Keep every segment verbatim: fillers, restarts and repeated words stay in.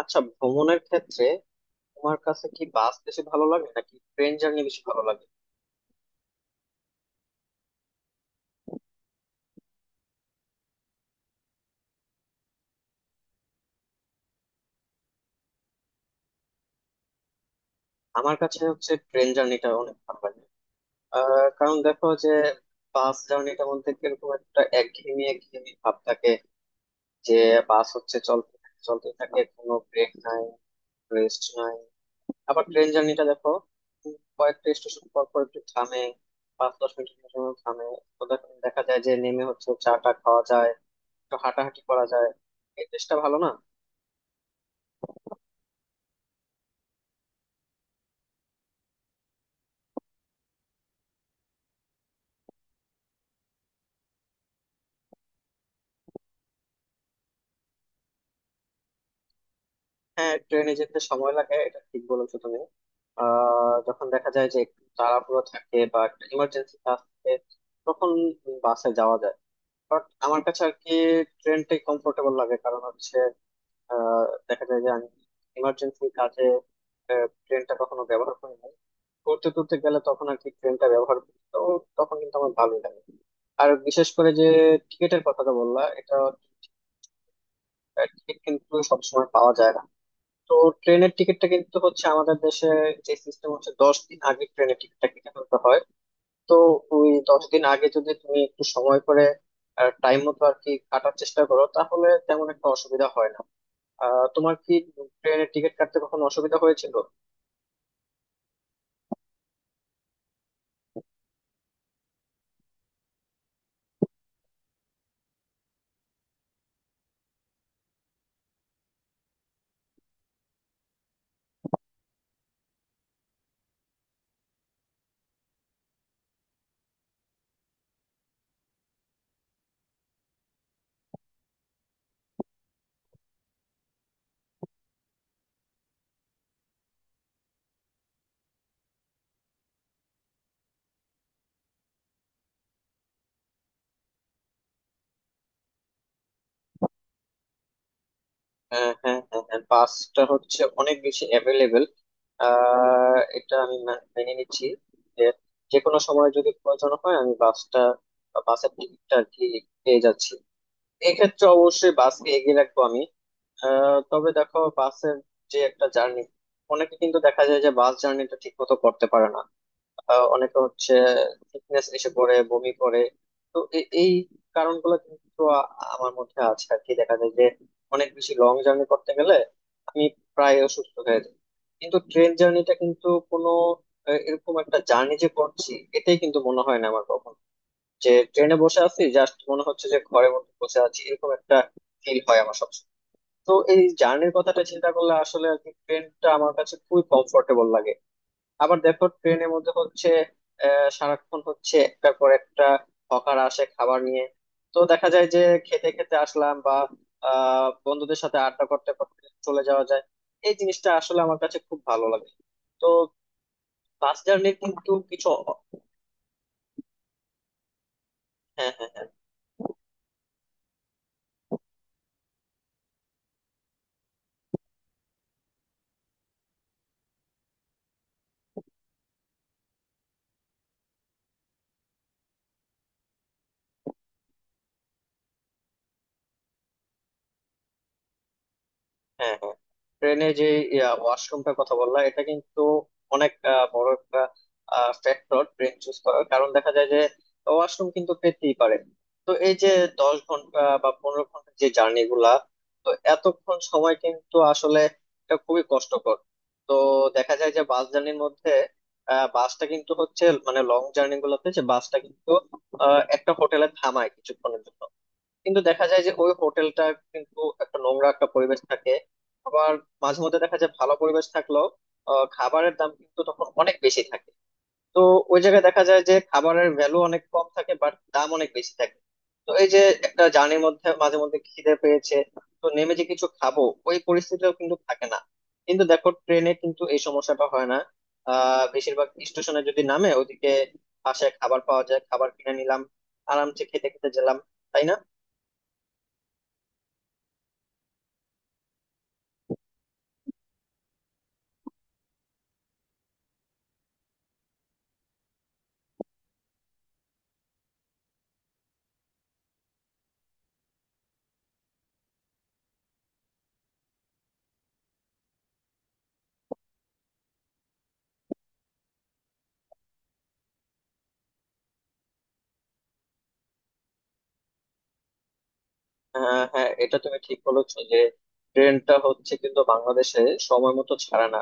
আচ্ছা, ভ্রমণের ক্ষেত্রে তোমার কাছে কি বাস বেশি ভালো লাগে নাকি ট্রেন জার্নি বেশি ভালো লাগে? আমার কাছে হচ্ছে ট্রেন জার্নিটা অনেক ভালো লাগে। আহ, কারণ দেখো যে বাস জার্নিটার মধ্যে কিরকম একটা একঘেয়েমি একঘেয়েমি ভাব থাকে যে বাস হচ্ছে চলতে থাকে চলতে থাকে, কোনো ব্রেক নাই, রেস্ট নাই। আবার ট্রেন জার্নিটা দেখো, উম, কয়েকটা স্টেশন পর পর একটু থামে, পাঁচ দশ মিনিটের জন্য থামে। তো দেখ- দেখা যায় যে নেমে হচ্ছে চা টা খাওয়া যায়, একটু হাঁটাহাঁটি করা যায়। এই দেশটা ভালো না। হ্যাঁ, ট্রেনে যেতে সময় লাগে, এটা ঠিক বলেছো তুমি। আহ যখন দেখা যায় যে একটু তাড়াহুড়ো থাকে বা একটা ইমার্জেন্সি কাজ থাকে, তখন বাসে যাওয়া যায়। বাট আমার কাছে আর কি ট্রেনটাই কমফোর্টেবল লাগে। কারণ হচ্ছে আহ দেখা যায় যে আমি ইমার্জেন্সি কাজে আহ, ট্রেনটা কখনো ব্যবহার করি নাই। ঘুরতে টুরতে গেলে তখন আর কি ট্রেনটা ব্যবহার করি, তো তখন কিন্তু আমার ভালোই লাগে। আর বিশেষ করে যে টিকিটের কথাটা বললা, এটা টিকিট কিন্তু সবসময় পাওয়া যায় না। তো ট্রেনের টিকিটটা কিন্তু হচ্ছে আমাদের দেশে যে সিস্টেম হচ্ছে, দশ দিন আগে ট্রেনের টিকিটটা কেটে ফেলতে হয়। তো ওই দশ দিন আগে যদি তুমি একটু সময় করে টাইম মতো আর কি কাটার চেষ্টা করো, তাহলে তেমন একটা অসুবিধা হয় না। আহ, তোমার কি ট্রেনের টিকিট কাটতে কখনো অসুবিধা হয়েছিল? হ্যাঁ, হ্যাঁ, হ্যাঁ, হ্যাঁ, বাসটা হচ্ছে অনেক বেশি অ্যাভেলেবেল। আহ এটা আমি মা- মেনে নিচ্ছি যে, যে কোনো সময় যদি প্রয়োজন হয় আমি বাসটা, বাসের টিকিটটা আর কি পেয়ে যাচ্ছি। এক্ষেত্রে অবশ্যই বাসকে এগিয়ে রাখবো আমি। আহ, তবে দেখো বাসের যে একটা জার্নি, অনেকে কিন্তু দেখা যায় যে বাস জার্নিটা ঠিক মতো করতে পারে না। আহ, অনেকে হচ্ছে ফিটনেস এসে পড়ে বমি করে। তো এ- এই কারণগুলো কিন্তু আ- আমার মধ্যে আছে আর কি। দেখা যায় যে অনেক বেশি লং জার্নি করতে গেলে আমি প্রায় অসুস্থ হয়ে যাই। কিন্তু ট্রেন জার্নিটা কিন্তু কোনো আহ, এরকম একটা জার্নি যে করছি, এটাই কিন্তু মনে হয় না আমার কখনো। যে ট্রেনে বসে আছি জাস্ট মনে হচ্ছে যে ঘরের মধ্যে বসে আছি, এরকম একটা ফিল হয় আমার সবসময়। তো এই জার্নির কথাটা চিন্তা করলে আসলে আর কি ট্রেনটা আমার কাছে খুবই কমফোর্টেবল লাগে। আবার দেখো ট্রেনের মধ্যে হচ্ছে আহ সারাক্ষণ হচ্ছে একটার পর একটা হকার আসে খাবার নিয়ে। তো দেখা যায় যে খেতে খেতে আসলাম বা আহ বন্ধুদের সাথে আড্ডা করতে করতে চলে যাওয়া যায়। এই জিনিসটা আসলে আমার কাছে খুব ভালো লাগে। তো বাস জার্নি কিন্তু কিছু। হ্যাঁ, হ্যাঁ, হ্যাঁ। হ্যাঁ, হ্যাঁ, ট্রেনে যে ওয়াশরুমটার কথা বললা, এটা কিন্তু অনেক আহ, বড় একটা ফ্যাক্টর ট্রেন চুজ করার। কারণ দেখা যায় যে ওয়াশরুম কিন্তু পেতেই পারে। তো এই যে দশ ঘন্টা বা পনেরো ঘন্টা যে জার্নি গুলা, তো এতক্ষণ সময় কিন্তু আসলে এটা খুবই কষ্টকর। তো দেখা যায় যে বাস জার্নির মধ্যে আহ, বাসটা কিন্তু হচ্ছে মানে লং জার্নি গুলোতে যে বাসটা কিন্তু আহ, একটা হোটেলে থামায় কিছুক্ষণের জন্য। কিন্তু দেখা যায় যে ওই হোটেলটা কিন্তু একটা নোংরা একটা পরিবেশ থাকে। আবার মাঝে মধ্যে দেখা যায় ভালো পরিবেশ থাকলেও আহ, খাবারের দাম কিন্তু তখন অনেক বেশি থাকে। তো ওই জায়গায় দেখা যায় যে খাবারের ভ্যালু অনেক কম থাকে, বাট দাম অনেক বেশি থাকে। তো এই যে একটা জার্নির মধ্যে মাঝে মধ্যে খিদে পেয়েছে, তো নেমে যে কিছু খাবো, ওই পরিস্থিতিও কিন্তু থাকে না। কিন্তু দেখো ট্রেনে কিন্তু এই সমস্যাটা হয় না। আহ বেশিরভাগ স্টেশনে যদি নামে ওইদিকে পাশে খাবার পাওয়া যায়, খাবার কিনে নিলাম, আরামসে খেতে খেতে গেলাম, তাই না? হ্যাঁ, হ্যাঁ, এটা তুমি ঠিক বলেছো যে ট্রেনটা হচ্ছে কিন্তু বাংলাদেশে সময় মতো ছাড়ে না।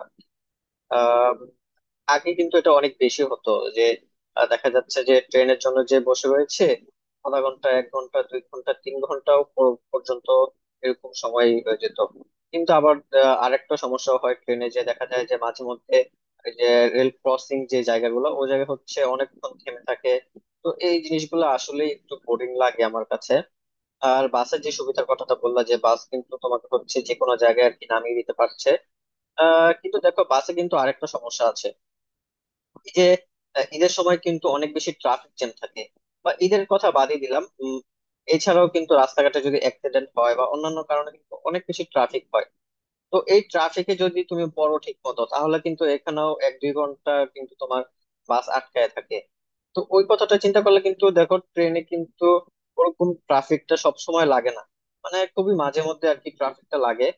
আহ, আগে কিন্তু এটা অনেক বেশি হতো, যে আহ, দেখা যাচ্ছে যে ট্রেনের জন্য যে বসে রয়েছে আধা ঘন্টা, এক ঘন্টা, দুই ঘন্টা, তিন ঘন্টাও প- পর্যন্ত, এরকম সময় হয়ে যেত। কিন্তু আবার আহ, আরেকটা সমস্যা হয় ট্রেনে, যে দেখা যায় যে মাঝে মধ্যে এই যে রেল ক্রসিং যে জায়গাগুলো, ওই জায়গা হচ্ছে অনেকক্ষণ থেমে থাকে। তো এই জিনিসগুলো আসলে একটু বোরিং লাগে আমার কাছে। আর বাসের যে সুবিধার কথাটা বললা, যে বাস কিন্তু তোমাকে হচ্ছে যে কোনো জায়গায় আর কি নামিয়ে দিতে পারছে। আহ, কিন্তু দেখো বাসে কিন্তু আরেকটা সমস্যা আছে এই যে আহ, ঈদের সময় কিন্তু অনেক বেশি ট্রাফিক জ্যাম থাকে। বা ঈদের কথা বাদই দিলাম, উম, এছাড়াও কিন্তু রাস্তাঘাটে যদি অ্যাক্সিডেন্ট হয় বা অন্যান্য কারণে কিন্তু অনেক বেশি ট্রাফিক হয়। তো এই ট্রাফিকে যদি তুমি পড়ো ঠিক মতো, তাহলে কিন্তু এখানেও এক দুই ঘন্টা কিন্তু তোমার বাস আটকায় থাকে। তো ওই কথাটা চিন্তা করলে কিন্তু দেখো ট্রেনে কিন্তু ওরকম ট্রাফিকটা সব সময় লাগে না, মানে খুবই মাঝে মধ্যে আর কি ট্রাফিকটা লাগে।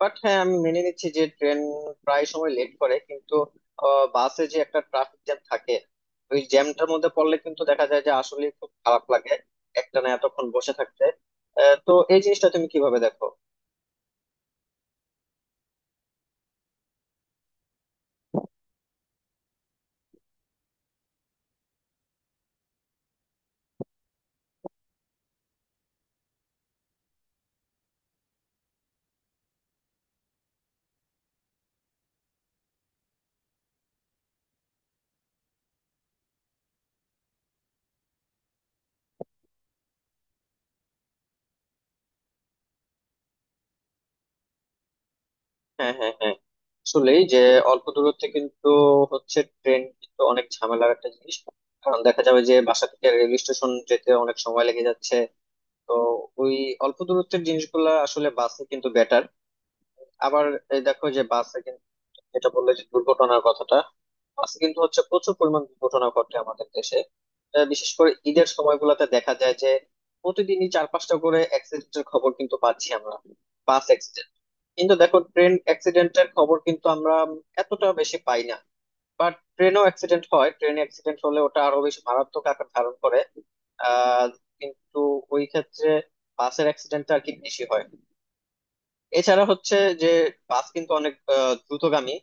বাট হ্যাঁ, আমি মেনে নিচ্ছি যে ট্রেন প্রায় সময় লেট করে। কিন্তু আহ, বাসে যে একটা ট্রাফিক জ্যাম থাকে, ওই জ্যামটার মধ্যে পড়লে কিন্তু দেখা যায় যে আসলে খুব খারাপ লাগে একটানা এতক্ষণ বসে থাকতে। আহ, তো এই জিনিসটা তুমি কিভাবে দেখো? হ্যাঁ, হ্যাঁ, হ্যাঁ। আসলে যে অল্প দূরত্বে কিন্তু হচ্ছে ট্রেন কিন্তু অনেক ঝামেলার একটা জিনিস। কারণ দেখা যাবে যে বাসা থেকে রেল স্টেশন যেতে অনেক সময় লেগে যাচ্ছে। তো ওই অল্প দূরত্বের জিনিসগুলা আসলে বাসে কিন্তু বেটার। আবার এই দেখো যে বাসে কিন্তু যেটা বললে যে দুর্ঘটনার কথাটা, বাসে কিন্তু হচ্ছে প্রচুর পরিমাণ দুর্ঘটনা ঘটে আমাদের দেশে। আহ, বিশেষ করে ঈদের সময়গুলোতে দেখা যায় যে প্রতিদিনই চার পাঁচটা করে অ্যাক্সিডেন্টের খবর কিন্তু পাচ্ছি আমরা। বাস, কিন্তু দেখো ট্রেন অ্যাক্সিডেন্টের খবর কিন্তু আমরা এতটা বেশি পাই না। বাট ট্রেনও অ্যাক্সিডেন্ট হয়, ট্রেন অ্যাক্সিডেন্ট হলে ওটা আরো বেশি মারাত্মক আকার ধারণ করে। আহ কিন্তু ওই ক্ষেত্রে বাসের অ্যাক্সিডেন্টটা আর কি বেশি হয়। এছাড়া হচ্ছে যে বাস কিন্তু অনেক আহ, দ্রুতগামী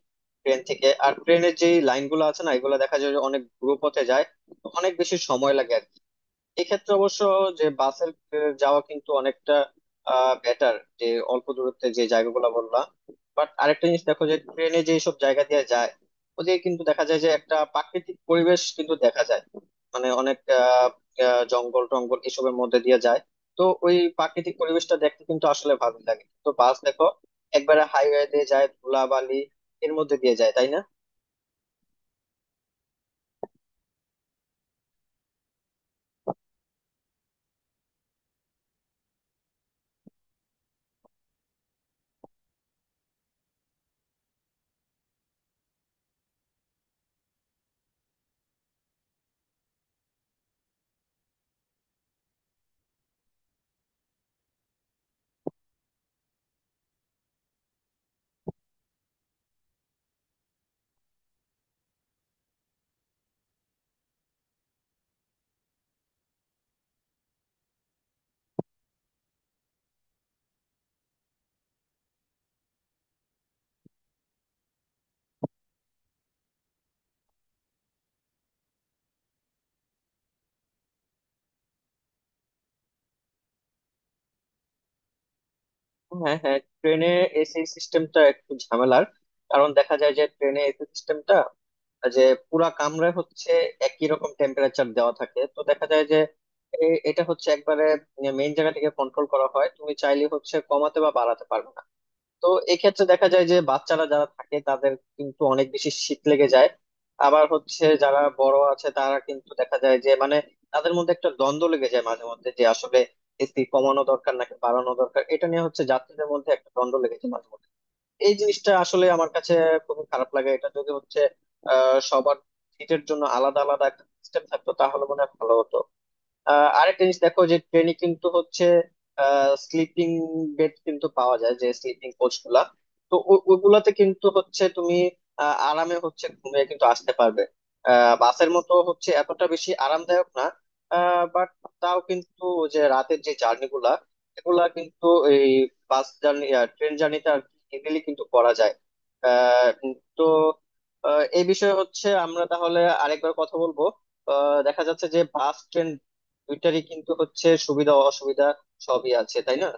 ট্রেন থেকে। আর ট্রেনের যে লাইনগুলো আছে না, এগুলো দেখা যায় যে অনেক দ্রুত পথে যায়, তো অনেক বেশি সময় লাগে। এক্ষেত্রে অবশ্য যে বাসের যাওয়া কিন্তু অনেকটা বেটার, যে অল্প দূরত্বে যে জায়গাগুলো বললাম। বাট আরেকটা জিনিস দেখো যে ট্রেনে যে সব জায়গা দিয়ে যায়, ওদিকে কিন্তু দেখা যায় যে একটা প্রাকৃতিক পরিবেশ কিন্তু দেখা যায়। মানে অনেক আহ, আহ, জঙ্গল টঙ্গল এসবের মধ্যে দিয়ে যায়। তো ওই প্রাকৃতিক পরিবেশটা দেখতে কিন্তু আসলে ভালো লাগে। তো বাস দেখো একবারে হাইওয়ে দিয়ে যায়, ধুলাবালি এর মধ্যে দিয়ে যায়, তাই না? হ্যাঁ, হ্যাঁ, ট্রেনে এসি সিস্টেমটা একটু ঝামেলার। কারণ দেখা যায় যে ট্রেনে এসি সিস্টেমটা যে পুরা কামরায় হচ্ছে একই রকম টেম্পারেচার দেওয়া থাকে। তো দেখা যায় যে এ- এটা হচ্ছে একবারে মেইন জায়গা থেকে কন্ট্রোল করা হয়, তুমি চাইলে হচ্ছে কমাতে বা বাড়াতে পারবে না। তো এক্ষেত্রে দেখা যায় যে বাচ্চারা যারা থাকে তাদের কিন্তু অনেক বেশি শীত লেগে যায়। আবার হচ্ছে যারা বড় আছে তারা কিন্তু দেখা যায় যে মানে তাদের মধ্যে একটা দ্বন্দ্ব লেগে যায় মাঝে মধ্যে, যে আসলে এসি কমানো দরকার নাকি বাড়ানো দরকার, এটা নিয়ে হচ্ছে যাত্রীদের মধ্যে একটা দ্বন্দ্ব লেগে যায় মাঝে মধ্যে। এই জিনিসটা আসলে আমার কাছে খুবই খারাপ লাগে। এটা যদি হচ্ছে আহ সবার সিটের জন্য আলাদা আলাদা একটা সিস্টেম থাকতো, তাহলে মনে হয় ভালো হতো। আহ, আরেকটা জিনিস দেখো যে ট্রেনে কিন্তু হচ্ছে স্লিপিং বেড কিন্তু পাওয়া যায়, যে স্লিপিং কোচ গুলা। তো ও- ওগুলাতে কিন্তু হচ্ছে তুমি আহ, আরামে হচ্ছে ঘুমিয়ে কিন্তু আসতে পারবে। আহ, বাসের মতো হচ্ছে এতটা বেশি আরামদায়ক না। বাট তাও কিন্তু ওই যে রাতের যে জার্নি গুলা, এগুলা কিন্তু এই বাস জার্নি, ট্রেন জার্নিটা ইজিলি কিন্তু করা যায়। আহ, উম, তো আহ, এই বিষয়ে হচ্ছে আমরা তাহলে আরেকবার কথা বলবো। আহ, দেখা যাচ্ছে যে বাস ট্রেন দুইটারই কিন্তু হচ্ছে সুবিধা অসুবিধা সবই আছে, তাই না?